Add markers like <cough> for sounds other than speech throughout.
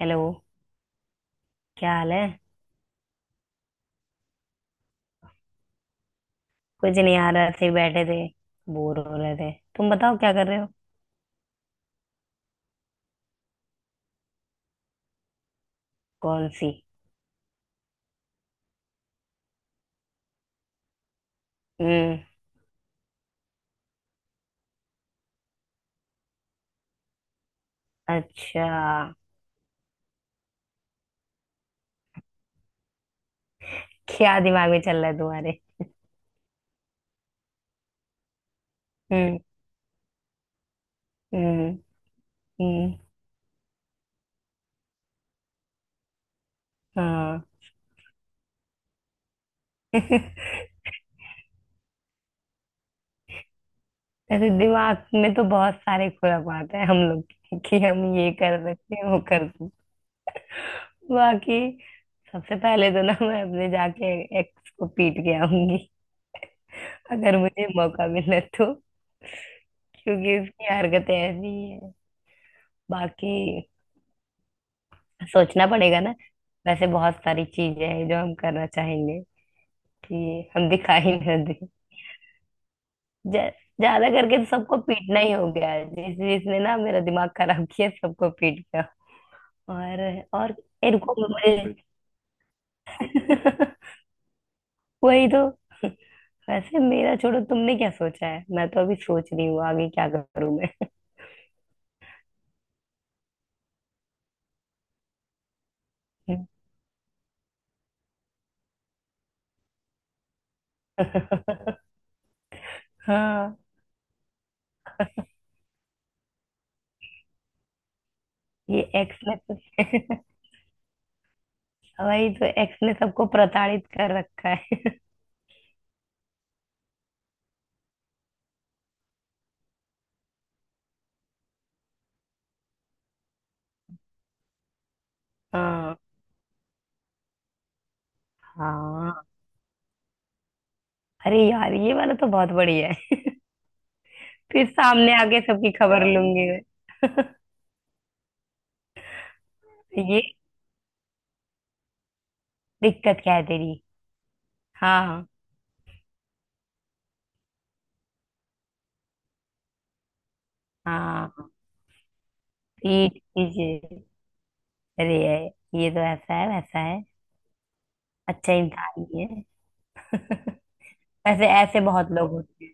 Hello. क्या हाल है? कुछ नहीं यार, ऐसे ही बैठे थे, बोर हो रहे थे। तुम बताओ, क्या कर रहे हो? कौन सी? हम्म। अच्छा, क्या दिमाग में चल रहा है तुम्हारे? हम्म। हम्म। हम्म। हाँ। <laughs> ऐसे दिमाग में तो बहुत सारे खुराफात है हम लोग के, कि हम ये कर सकते हैं, वो कर सकते हैं। बाकी सबसे पहले तो ना, <laughs> मैं अपने जाके एक्स को पीट के आऊंगी। <laughs> अगर मुझे मौका मिले तो, क्योंकि उसकी हरकतें ऐसी हैं। बाकी सोचना पड़ेगा ना। वैसे बहुत सारी चीजें हैं जो हम करना चाहेंगे, कि हम दिखाई न दें। ज- ज्यादा करके तो सबको पीटना ही हो गया है। जिस जिसने ना मेरा दिमाग खराब किया, सबको पीट गया। और रुको मुझे। <laughs> वही तो। वैसे मेरा छोड़ो, तुमने क्या सोचा है? मैं तो अभी सोच रही हूँ आगे क्या करूँ मैं। <laughs> हाँ, ये एक्स ने <laughs> वही तो, एक्स ने सबको प्रताड़ित कर रखा है। हाँ। हाँ, अरे यार ये वाला तो बहुत बढ़िया है। फिर सामने आके सबकी खबर लूंगी मैं। तो ये दिक्कत क्या है तेरी? हाँ। हाँ। पीठ पीछे, अरे यार, ये तो ऐसा है वैसा है, अच्छा इंसान ही है। वैसे ऐसे बहुत लोग होते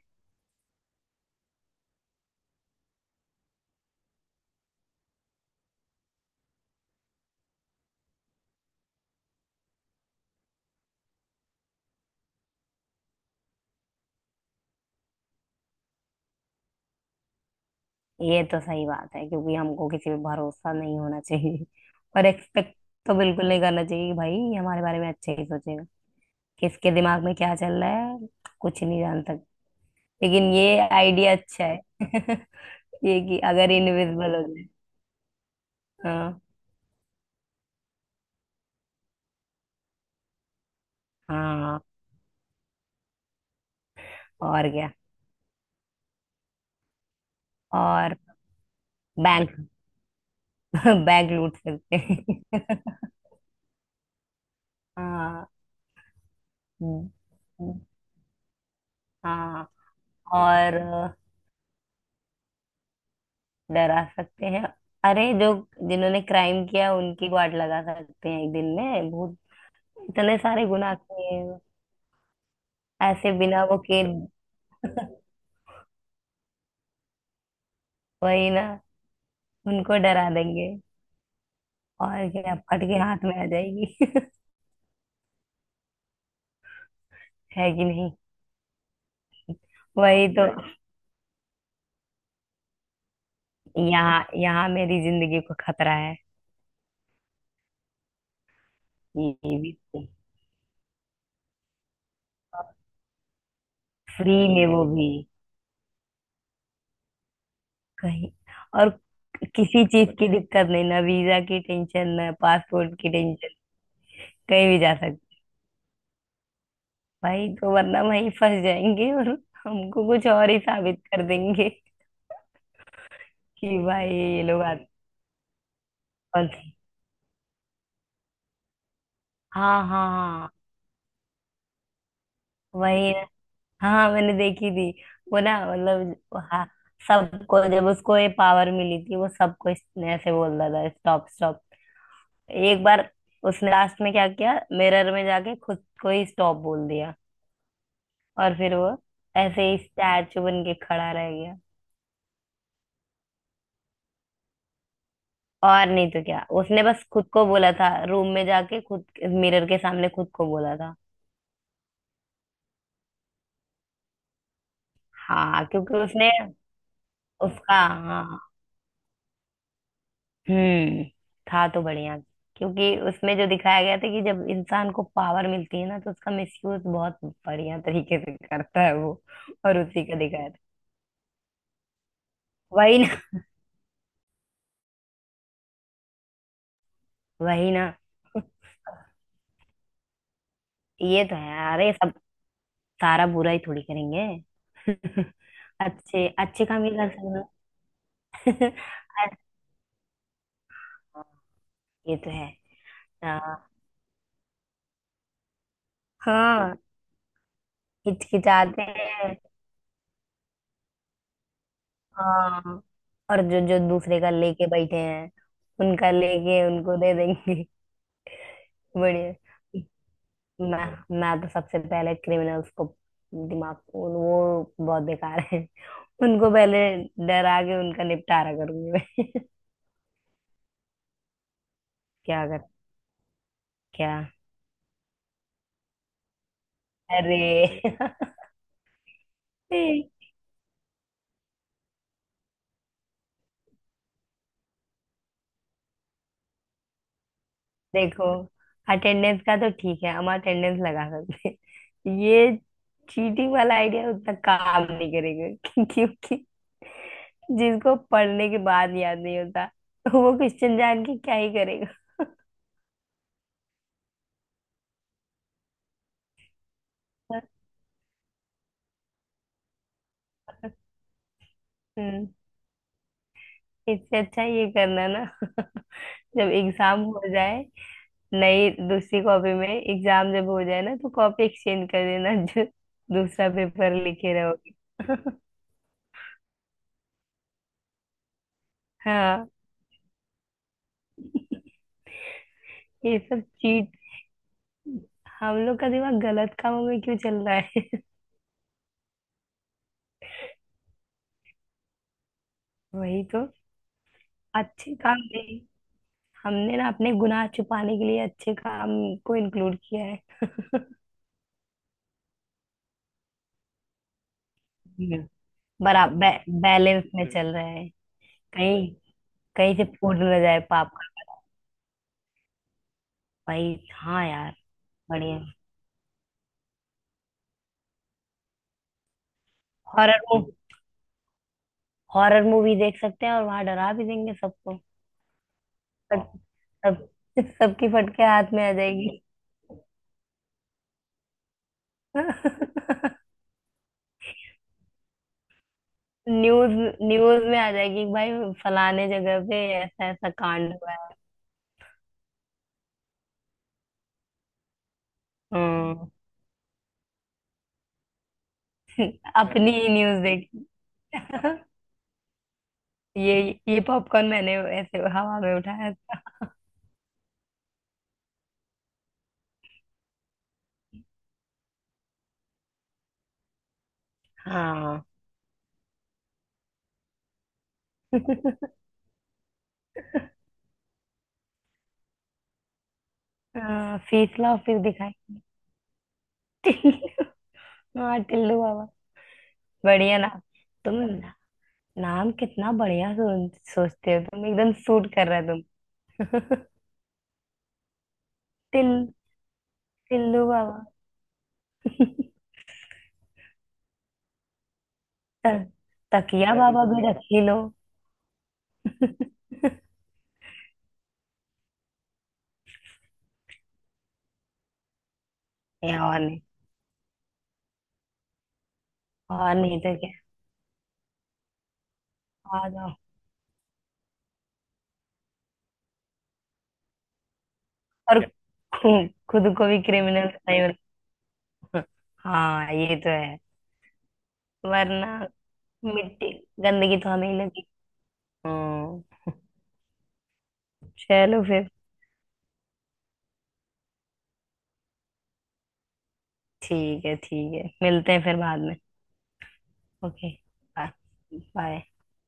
हैं। ये तो सही बात है, क्योंकि हमको किसी पे भरोसा नहीं होना चाहिए। और एक्सपेक्ट तो बिल्कुल नहीं करना चाहिए कि भाई ये हमारे बारे में अच्छे ही सोचेगा। किसके दिमाग में क्या चल रहा है, कुछ नहीं जान सकते। लेकिन ये आइडिया अच्छा है। <laughs> ये कि अगर इनविजिबल हो जाए। हाँ। हाँ। और क्या? और बैंक, <laughs> बैंक लूट सकते हैं। हाँ। हम्म। हम्म। हाँ, और डरा सकते हैं। अरे जो जिन्होंने क्राइम किया उनकी गांड लगा सकते हैं एक दिन में, भूत इतने सारे गुनाह किए हैं। ऐसे बिना वो के, वही ना। उनको डरा देंगे, और क्या, फट के हाथ में आ जाएगी। <laughs> है कि नहीं? वही तो, यहाँ यहाँ मेरी जिंदगी को खतरा है। ये भी। फ्री में, वो भी कहीं। और किसी चीज की दिक्कत नहीं ना, वीजा की टेंशन ना पासपोर्ट की टेंशन। कहीं भी जा सकते भाई, तो वरना वहीं फंस जाएंगे और हमको कुछ और ही साबित कर देंगे, कि भाई ये लोग आते कौन थे। हाँ हाँ हाँ, वही ना। हाँ मैंने देखी थी। वो ना, मतलब, हाँ, सबको जब उसको ये पावर मिली थी, वो सबको इसने ऐसे बोल रहा था, स्टॉप स्टॉप। एक बार उसने लास्ट में क्या किया, मिरर में जाके खुद को ही स्टॉप बोल दिया। और फिर वो ऐसे ही स्टैचू बन के खड़ा रह गया। और नहीं तो क्या, उसने बस खुद को बोला था, रूम में जाके खुद मिरर के सामने खुद को बोला था। हाँ क्योंकि उसने, उसका, हाँ, हम्म। था तो बढ़िया, क्योंकि उसमें जो दिखाया गया था कि जब इंसान को पावर मिलती है ना, तो उसका मिसयूज बहुत बढ़िया तरीके से करता है वो। और उसी का दिखाया था। वही ना। वही ना। ये तो है, अरे सब, सारा बुरा ही थोड़ी करेंगे। <laughs> अच्छे अच्छे काम ही कर सकते हैं। <laughs> अरे, ये तो है। हाँ। हाँ, हिचकिचाते हैं। हाँ, और जो जो दूसरे का लेके बैठे हैं, उनका लेके उनको दे देंगे। <laughs> बढ़िया। मैं मैं तो सबसे पहले क्रिमिनल्स को, दिमाग को, वो बहुत बेकार है, <laughs> उनको पहले डरा के उनका निपटारा करूंगी मैं। <laughs> क्या कर, क्या, अरे। <laughs> देखो, अटेंडेंस का तो ठीक है, हम अटेंडेंस लगा सकते हैं। ये चीटिंग वाला आइडिया उतना काम नहीं करेगा, <laughs> क्योंकि जिसको पढ़ने के बाद याद नहीं होता, वो क्वेश्चन जान के क्या ही करेगा। हम्म। इससे अच्छा ये करना ना, <laughs> जब एग्जाम हो जाए, नई दूसरी कॉपी में, एग्जाम जब हो जाए ना, तो कॉपी एक्सचेंज कर देना, जो दूसरा पेपर लिखे रहोगे। <laughs> हाँ, ये सब चीट, हम लोग का दिमाग गलत कामों में क्यों चल रहा है। <laughs> वही तो, अच्छे काम में हमने ना अपने गुनाह छुपाने के लिए अच्छे काम को इंक्लूड किया है। <laughs> हम्म, बैलेंस में चल रहा है। कहीं, कहीं से फूट न जाए पाप का। भाई, हाँ यार, बढ़िया। हॉरर मूवी हॉरर मूवी देख सकते हैं, और वहां डरा भी देंगे सबको। सब सब सबकी फटके हाथ में आ जाएगी। <laughs> न्यूज न्यूज में आ जाएगी भाई, फलाने जगह पे ऐसा ऐसा कांड हुआ है। हम्म, अपनी ही न्यूज देखी। <laughs> ये ये पॉपकॉर्न मैंने ऐसे हवा में उठाया। हाँ था। <laughs> फीसला और फिर दिखाई। <laughs> टिल्लू, हाँ टिल्लू बाबा, बढ़िया ना। तुम ना, नाम कितना बढ़िया सोचते हो तुम, एकदम सूट कर रहा है तुम। <laughs> टिल टिल्लू बाबा। <laughs> त- तकिया बाबा भी रख ही लो। या और नहीं। और नहीं तो क्या आ जाओ। और खुद को भी क्रिमिनल <laughs> नहीं बना। हाँ ये तो है, वरना मिट्टी, गंदगी तो हमें ही लगी। हम्म। चलो फिर, ठीक है ठीक है, मिलते हैं फिर बाद में। Okay, bye.